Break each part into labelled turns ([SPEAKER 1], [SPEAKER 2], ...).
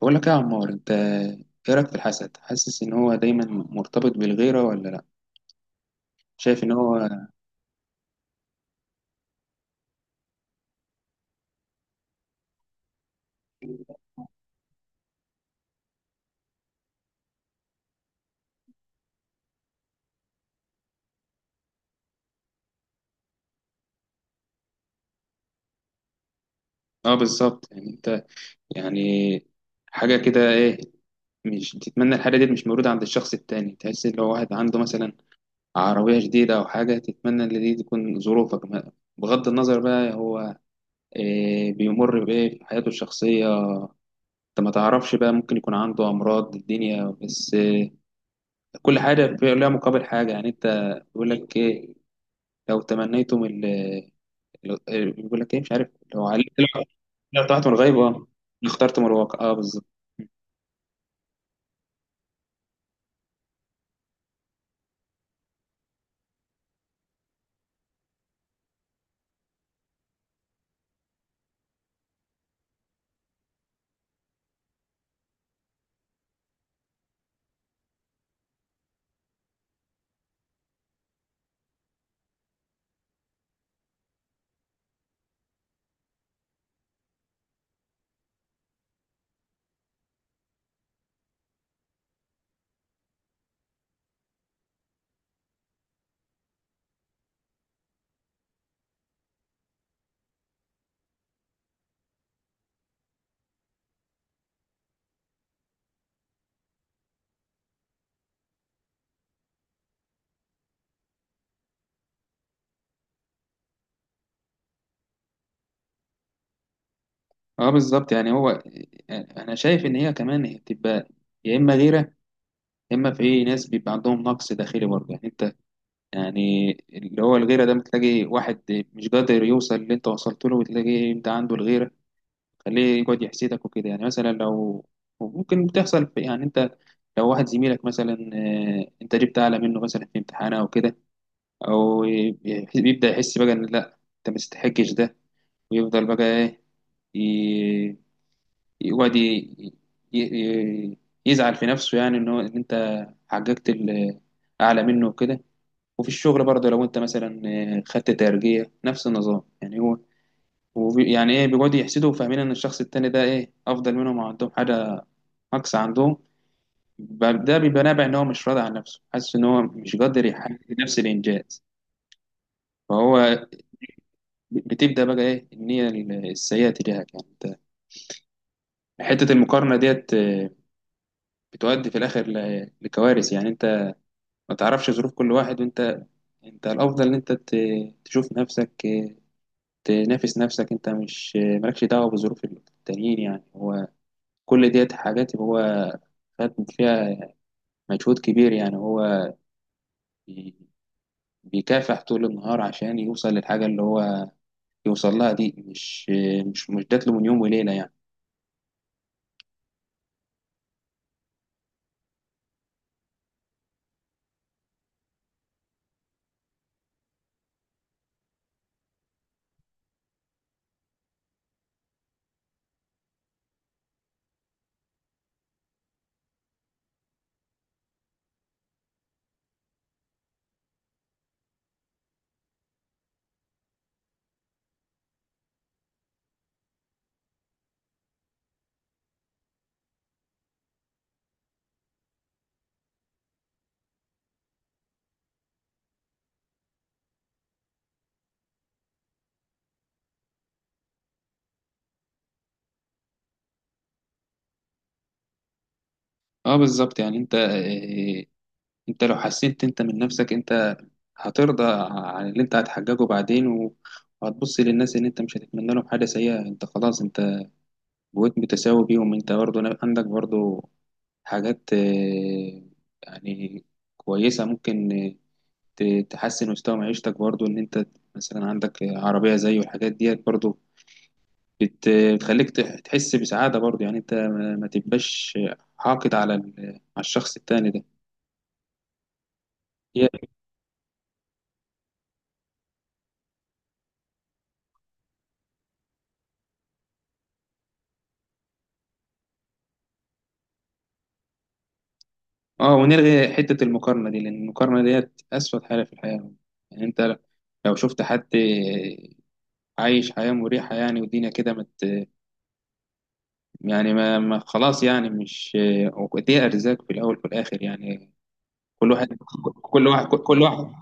[SPEAKER 1] بقول لك إيه يا عمار، انت ايه رايك في الحسد؟ حاسس ان هو دايما مرتبط بالغيره ولا لا؟ شايف ان هو... اه بالظبط، يعني انت، يعني حاجه كده، ايه، مش تتمنى الحاجه دي مش موجوده عند الشخص التاني، تحس ان لو واحد عنده مثلا عربيه جديده او حاجه، تتمنى ان دي تكون ظروفك. بغض النظر بقى، هو إيه بيمر بايه في حياته الشخصيه؟ انت ما تعرفش بقى، ممكن يكون عنده امراض الدنيا، بس كل حاجه لها مقابل حاجه. يعني انت، بيقول لك ايه، لو تمنيتم ال بيقول لك ايه، مش عارف. لو علي طلع لو طلعت من الغيب، اه، اخترت من الواقع، اه بالظبط. اه بالظبط، يعني هو، انا شايف ان هي كمان هي بتبقى يا اما غيره، يا اما في ناس بيبقى عندهم نقص داخلي برضه. يعني انت، يعني اللي هو الغيره ده، بتلاقي واحد مش قادر يوصل اللي انت وصلت له، وتلاقي انت عنده الغيره. خليه يقعد يحسدك وكده. يعني مثلا لو ممكن بتحصل يعني انت، لو واحد زميلك مثلا، انت جبت اعلى منه مثلا في امتحان او كده، او ي- بيبدا يحس بقى ان لا، انت ما تستحقش ده. ويفضل بقى ايه، ي- يقعد ي- ي- يزعل في نفسه. يعني ان هو، ان انت حققت ال- اعلى منه وكده. وفي الشغل برضه لو انت مثلا خدت ترقية، نفس النظام. يعني هو يعني ايه، بيقعدوا يحسدوا، وفاهمين ان الشخص التاني ده ايه، افضل منهم أو عندهم حاجة نقص عندهم. ده بيبقى نابع ان هو مش راضي عن نفسه، حاسس ان هو مش قادر يحقق نفس الانجاز. فهو بتبدأ بقى إيه، النية السيئة تجاهك. يعني أنت، حتة المقارنة ديت بتؤدي في الآخر لكوارث. يعني أنت ما تعرفش ظروف كل واحد. وأنت، أنت الأفضل إن أنت تشوف نفسك، تنافس نفسك. أنت مش مالكش دعوة بظروف التانيين. يعني هو كل ديت حاجات هو خد فيها مجهود كبير. يعني هو بي- بيكافح طول النهار عشان يوصل للحاجة اللي هو يوصل لها دي، مش آه، مش مش جات له من يوم وليلة يعني. اه بالظبط، يعني انت انت لو حسيت انت من نفسك، انت هترضى عن اللي انت هتحققه بعدين. وهتبص للناس ان انت مش هتتمنى لهم حاجة سيئة. انت خلاص، انت بقيت متساوي بيهم. انت برضه عندك برضه حاجات يعني كويسة. ممكن تحسن مستوى معيشتك برضه، ان انت مثلا عندك عربية زيه. والحاجات ديت برضه بت- بتخليك تحس بسعادة برضه. يعني انت ما تبقاش حاقد على على الشخص التاني ده. هي. اه، ونلغي حتة المقارنة دي، لأن المقارنة ديت أسود حاجة في الحياة. يعني أنت لو شفت حد عايش حياة مريحة، يعني والدنيا كده مت، يعني ما خلاص، يعني مش... دي أرزاق في الأول وفي الآخر. يعني كل واحد، كل واحد، كل واحد،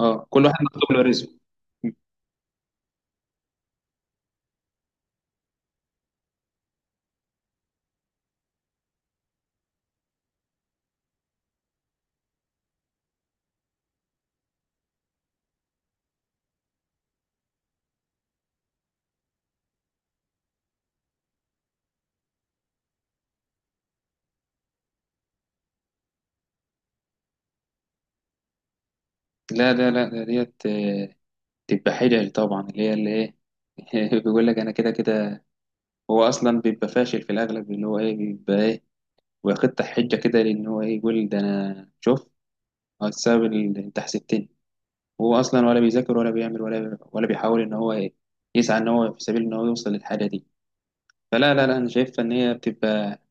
[SPEAKER 1] اه، كل واحد مكتوب له رزقه. لا لا لا، ده ديت تبقى حجج طبعا، اللي هي اللي ايه، بيقول لك انا كده كده. هو اصلا بيبقى فاشل في الاغلب، اللي هو ايه، بيبقى ايه، ويخطح حجه كده، لان هو ايه، يقول ده انا شوف السبب اللي انت حسدتني. هو اصلا ولا بيذاكر ولا بيعمل ولا بيحاول ان هو يسعى ان هو في سبيل ان هو يوصل للحاجه دي. فلا لا لا، انا شايفها ان هي بتبقى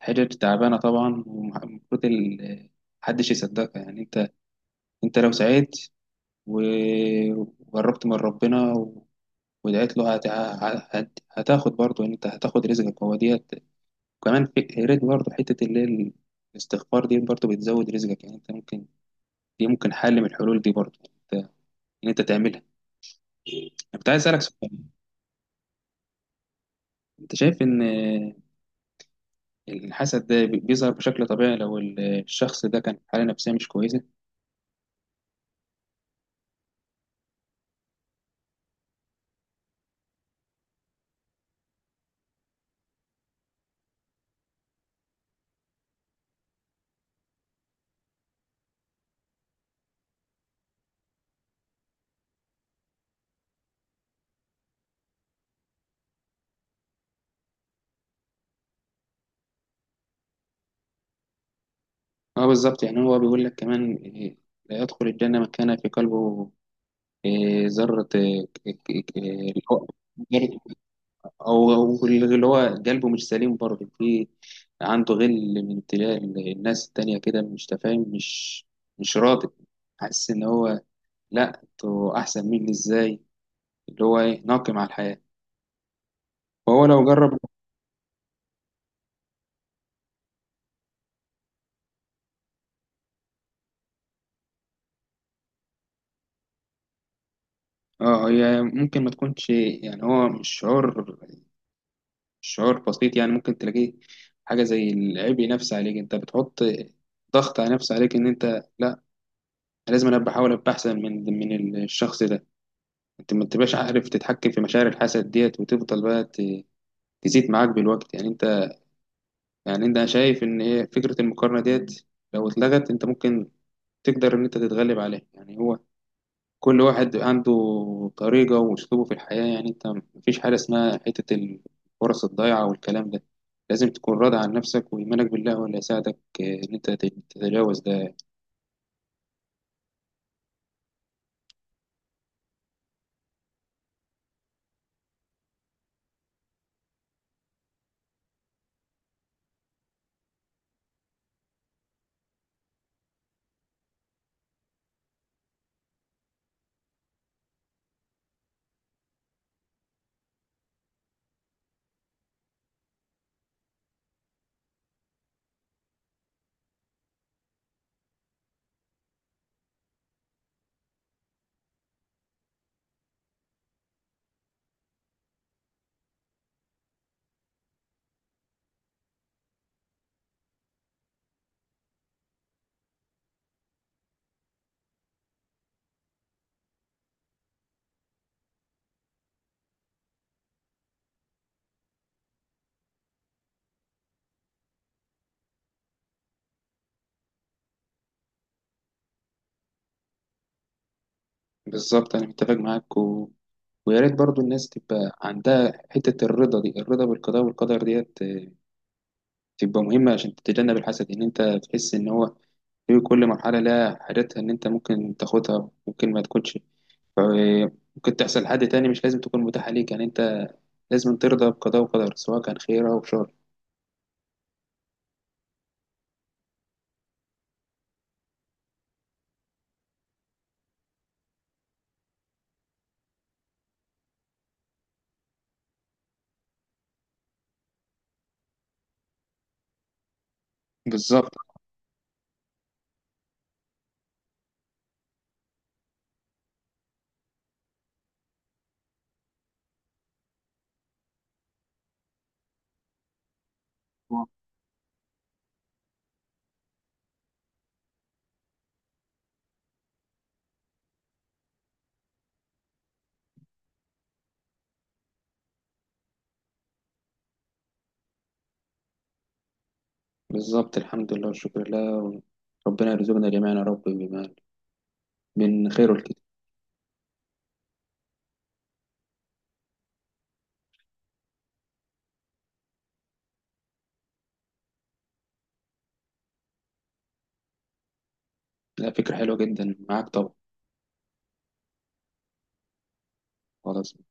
[SPEAKER 1] حاجه تعبانه طبعا، ومفروض محدش يصدقها. يعني انت، انت لو سعيت و- وقربت من ربنا ودعيت له، هتاخد برضه، انت هتاخد رزقك. هو ديت كمان في ريت برضه، حته اللي هي الاستغفار دي برضه بتزود رزقك. يعني انت ممكن، دي ممكن حل من الحلول دي برضه، ان انت تعملها. كنت عايز اسالك سؤال. انت شايف ان الحسد ده بيظهر بشكل طبيعي لو الشخص ده كان في حاله نفسيه مش كويسه؟ اه بالظبط، يعني هو بيقول لك كمان إيه، لا يدخل الجنه من كان في قلبه إيه ذره، إيه، اللي هو ذرة- او أو اللي هو قلبه مش سليم برضه. في عنده غل من ابتلاء الناس التانية كده، مش تفاهم، مش راضي، حاسس ان هو لا، انتوا احسن مني ازاي؟ اللي هو ايه، ناقم على الحياه. فهو لو جرب... اه، هي ممكن ما تكونش، يعني هو مش شعور، شعور بسيط. يعني ممكن تلاقيه حاجة زي العبء نفسي عليك. انت بتحط ضغط على نفسك، عليك ان انت لا، أنا لازم، انا بحاول ابقى احسن من الشخص ده. انت ما تبقاش عارف تتحكم في مشاعر الحسد ديت، وتفضل بقى تزيد معاك بالوقت. يعني انت، يعني انت، أنا شايف ان هي فكرة المقارنة ديت لو اتلغت، انت ممكن تقدر ان انت تتغلب عليها. يعني هو كل واحد عنده طريقة وأسلوبه في الحياة. يعني أنت مفيش حاجة اسمها حتة الفرص الضايعة والكلام ده. لازم تكون راضي عن نفسك، وإيمانك بالله هو اللي هيساعدك إن أنت تتجاوز ده. بالظبط، أنا متفق معاك، و... ويا ريت برضو الناس تبقى عندها حتة الرضا دي، الرضا بالقضاء والقدر ديت تبقى مهمة عشان تتجنب الحسد. إن أنت تحس إن هو في كل مرحلة لها حاجتها، إن أنت ممكن تاخدها، ممكن ما تكونش، ممكن تحصل لحد تاني، مش لازم تكون متاحة ليك. يعني لازم ترضى بقضاء وقدر، سواء كان خير أو شر. بالظبط. بالظبط، الحمد لله والشكر لله. ربنا يرزقنا جميعا يا رب بما من خير الكتاب. لا، فكرة حلوة جدا معاك طبعا. خلاص.